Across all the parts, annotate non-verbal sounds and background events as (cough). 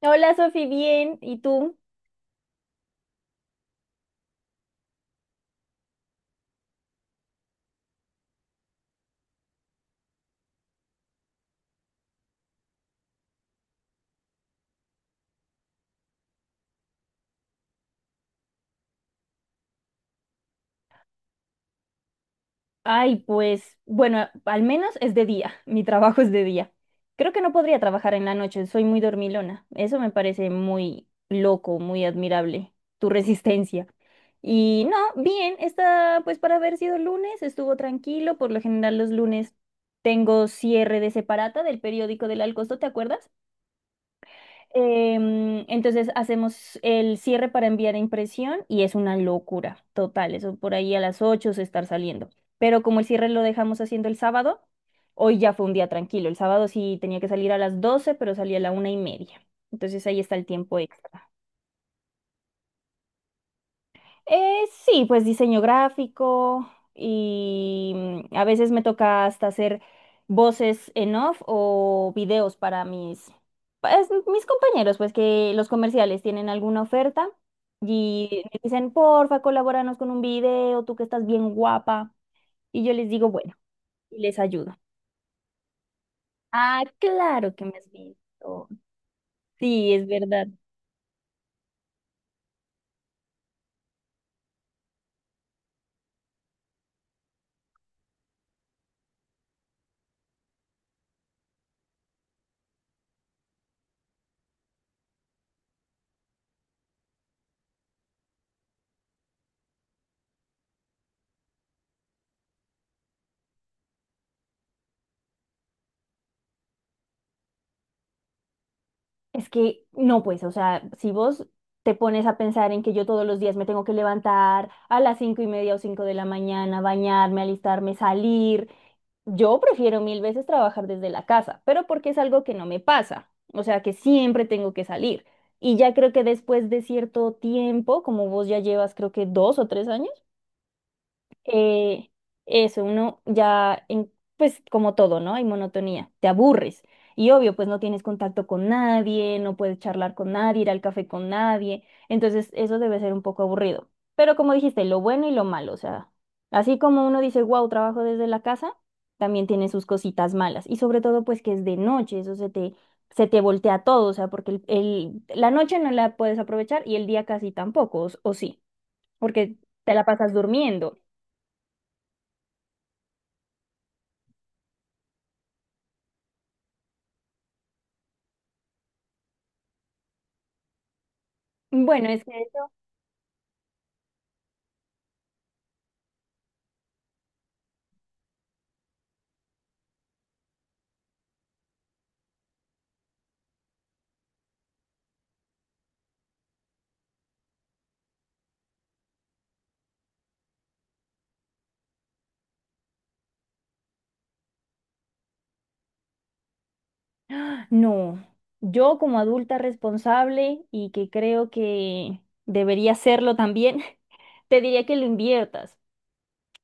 Hola Sofi, bien. ¿Y tú? Ay, pues bueno, al menos es de día. (laughs) Mi trabajo es de día. Creo que no podría trabajar en la noche, soy muy dormilona. Eso me parece muy loco, muy admirable, tu resistencia. Y no, bien, está pues para haber sido lunes, estuvo tranquilo. Por lo general los lunes tengo cierre de separata del periódico del Alcosto, ¿te acuerdas? Entonces hacemos el cierre para enviar a impresión y es una locura total. Eso por ahí a las 8 se estar saliendo. Pero como el cierre lo dejamos haciendo el sábado, hoy ya fue un día tranquilo. El sábado sí tenía que salir a las 12, pero salí a la una y media. Entonces ahí está el tiempo extra. Sí, pues diseño gráfico y a veces me toca hasta hacer voces en off o videos para mis, pues, mis compañeros, pues que los comerciales tienen alguna oferta y me dicen, porfa, colabóranos con un video, tú que estás bien guapa. Y yo les digo, bueno, y les ayudo. Ah, claro que me has visto. Sí, es verdad. Es que no, pues, o sea, si vos te pones a pensar en que yo todos los días me tengo que levantar a las cinco y media o cinco de la mañana, bañarme, alistarme, salir, yo prefiero mil veces trabajar desde la casa, pero porque es algo que no me pasa, o sea, que siempre tengo que salir. Y ya creo que después de cierto tiempo, como vos ya llevas creo que 2 o 3 años, eh, eso, uno ya, pues como todo, ¿no? Hay monotonía, te aburres. Y obvio, pues no tienes contacto con nadie, no puedes charlar con nadie, ir al café con nadie. Entonces, eso debe ser un poco aburrido. Pero como dijiste, lo bueno y lo malo, o sea, así como uno dice, wow, trabajo desde la casa, también tiene sus cositas malas. Y sobre todo, pues que es de noche, eso se te voltea todo, o sea, porque la noche no la puedes aprovechar y el día casi tampoco, o sí, porque te la pasas durmiendo. Bueno, es que eso... ¡Ah! No, yo como adulta responsable y que creo que debería serlo también, (laughs) te diría que lo inviertas.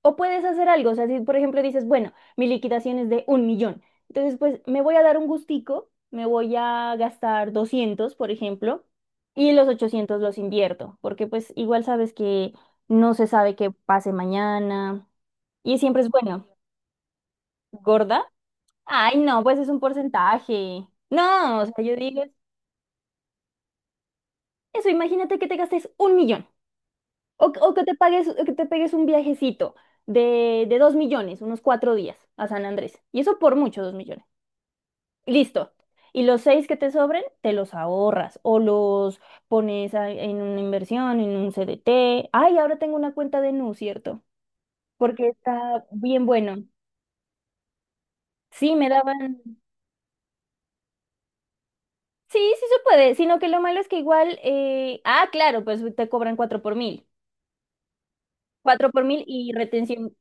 O puedes hacer algo, o sea, si por ejemplo dices, bueno, mi liquidación es de 1 millón, entonces pues me voy a dar un gustico, me voy a gastar 200, por ejemplo, y los 800 los invierto, porque pues igual sabes que no se sabe qué pase mañana y siempre es bueno, gorda. Ay, no, pues es un porcentaje. No, o sea, yo digo, eso, imagínate que te gastes 1 millón o que te pagues, o que te pegues un viajecito de 2 millones, unos 4 días a San Andrés. Y eso por mucho, 2 millones. Listo. Y los seis que te sobren, te los ahorras o los pones a... en una inversión, en un CDT. Ay, ahora tengo una cuenta de Nu, ¿cierto? Porque está bien bueno. Sí, me daban. Sí, sí se puede, sino que lo malo es que igual, ah, claro, pues te cobran cuatro por mil y retención,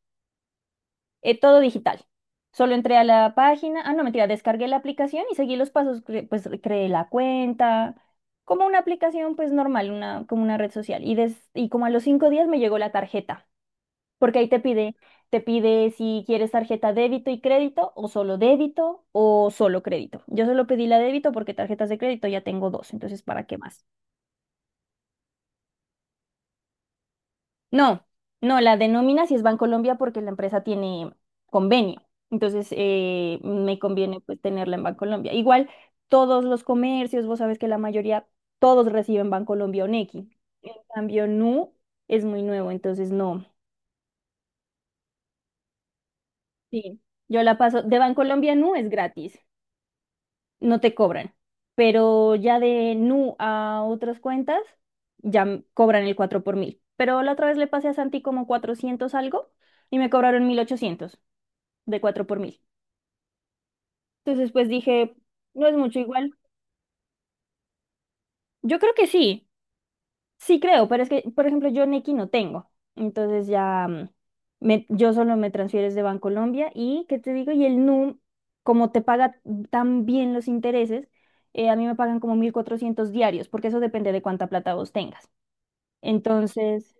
todo digital. Solo entré a la página, ah, no, mentira, descargué la aplicación y seguí los pasos, pues creé la cuenta, como una aplicación pues normal, una, como una red social. Y como a los 5 días me llegó la tarjeta, porque ahí te pide si quieres tarjeta débito y crédito o solo débito o solo crédito. Yo solo pedí la débito porque tarjetas de crédito ya tengo dos, entonces ¿para qué más? No, no, la denomina si es Bancolombia porque la empresa tiene convenio. Entonces, me conviene pues tenerla en Bancolombia. Igual, todos los comercios, vos sabes que la mayoría, todos reciben Bancolombia o Nequi. En cambio, Nu es muy nuevo, entonces no. Sí, yo la paso. De Bancolombia a Nu es gratis, no te cobran. Pero ya de Nu a otras cuentas, ya cobran el 4 por mil. Pero la otra vez le pasé a Santi como 400 algo y me cobraron 1.800 de 4 por mil. Entonces, pues dije, no es mucho igual. Yo creo que sí, sí creo, pero es que, por ejemplo, yo Nequi no tengo. Entonces ya yo solo me transfieres de Bancolombia y, ¿qué te digo? Y el num como te paga tan bien los intereses, a mí me pagan como 1.400 diarios, porque eso depende de cuánta plata vos tengas. Entonces,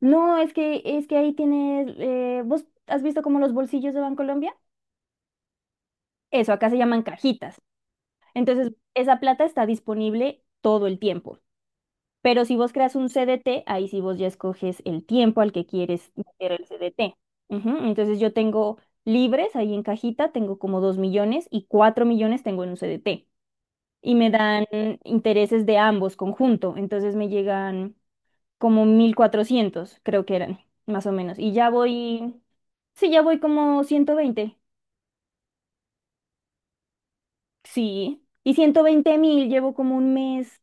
no, es que ahí tienes, ¿vos has visto como los bolsillos de Bancolombia? Eso, acá se llaman cajitas. Entonces, esa plata está disponible todo el tiempo. Pero si vos creas un CDT, ahí sí vos ya escoges el tiempo al que quieres meter el CDT. Ujú, entonces, yo tengo libres ahí en cajita, tengo como 2 millones y 4 millones tengo en un CDT. Y me dan intereses de ambos conjunto. Entonces, me llegan como 1.400 creo que eran, más o menos. Y ya voy, sí, ya voy como 120. Sí. Y 120.000, llevo como un mes,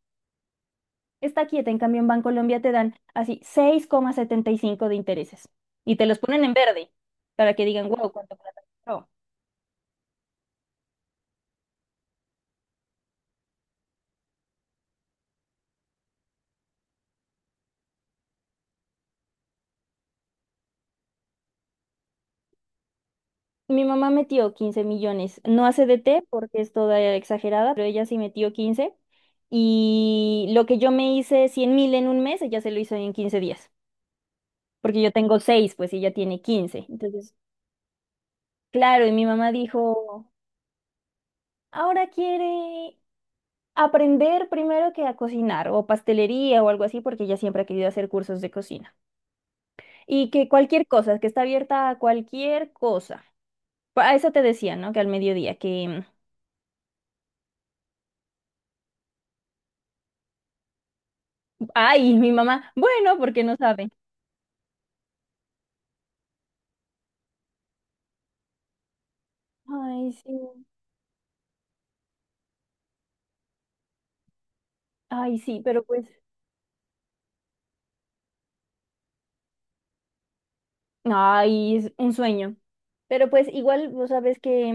está quieta. En cambio, en Bancolombia te dan así 6,75 de intereses y te los ponen en verde para que digan, wow, cuánto plata compró. Mi mamá metió 15 millones, no a CDT porque es toda exagerada, pero ella sí metió 15 y lo que yo me hice 100.000 en un mes, ella se lo hizo en 15 días, porque yo tengo 6, pues y ella tiene 15. Entonces, claro, y mi mamá dijo, ahora quiere aprender primero que a cocinar o pastelería o algo así, porque ella siempre ha querido hacer cursos de cocina. Y que cualquier cosa, que está abierta a cualquier cosa. A eso te decía, ¿no? Que al mediodía, que... Ay, mi mamá, bueno, porque no sabe. Ay, sí. Ay, sí, pero pues... Ay, es un sueño. Pero pues igual, vos sabes que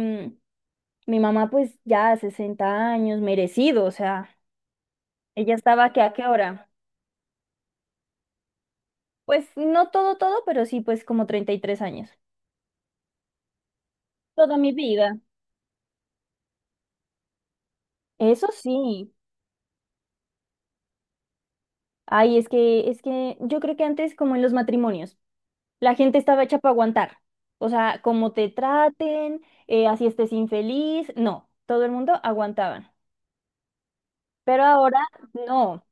mi mamá pues ya 60 años, merecido, o sea, ella estaba que a qué hora. Pues no todo, todo, pero sí pues como 33 años. Toda mi vida. Eso sí. Ay, es que yo creo que antes como en los matrimonios. La gente estaba hecha para aguantar. O sea, como te traten, así estés infeliz, no, todo el mundo aguantaban. Pero ahora no.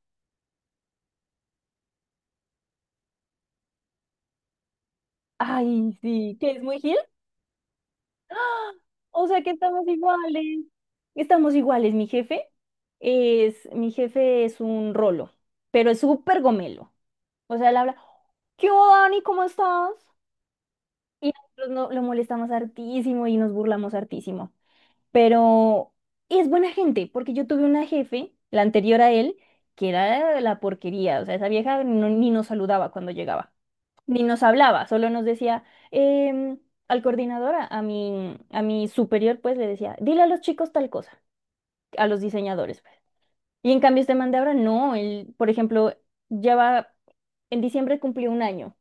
Ay, sí, ¿qué es muy gil? ¡Ah! O sea que estamos iguales. Estamos iguales, mi jefe mi jefe es un rolo, pero es súper gomelo. O sea, él habla, ¿qué hubo, Dani? ¿Cómo estás? Y nosotros no, lo molestamos hartísimo y nos burlamos hartísimo, pero es buena gente, porque yo tuve una jefe, la anterior a él, que era la porquería, o sea, esa vieja no... ni nos saludaba cuando llegaba, ni nos hablaba, solo nos decía, em, al coordinador, a mi superior, pues le decía, dile a los chicos tal cosa, a los diseñadores, pues. Y en cambio este man de ahora, no, él, por ejemplo, lleva, en diciembre cumplió un año.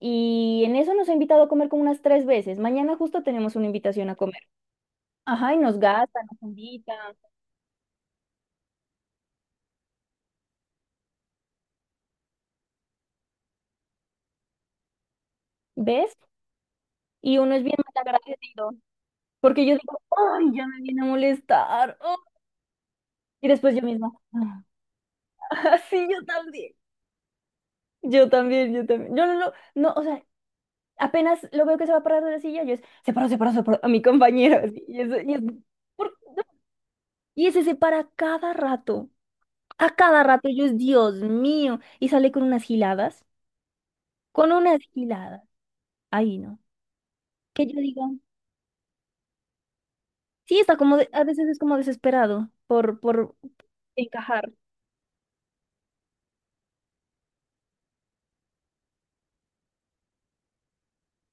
Y en eso nos ha invitado a comer como unas tres veces. Mañana justo tenemos una invitación a comer. Ajá, y nos gasta, nos invita. ¿Ves? Y uno es bien malagradecido, porque yo digo, ay, ya me viene a molestar, oh. Y después yo misma, ah, (laughs) sí, yo también. Yo también, yo también. Yo no, no, no, o sea, apenas lo veo que se va a parar de la silla, yo es, se paró, se paró, se paró, a mi compañero, así. Y, eso... y, es... ¿por qué no? Y ese se para cada rato, a cada rato, yo es, Dios mío, y sale con unas giladas, con unas giladas. Ahí no. Que yo digo, sí, está como, a veces es como desesperado por encajar.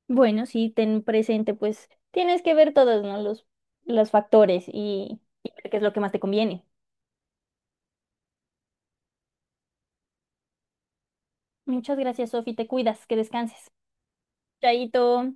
Bueno, sí, ten presente, pues tienes que ver todos, ¿no? Los factores y ver qué es lo que más te conviene. Muchas gracias, Sofi, te cuidas, que descanses. Chaito.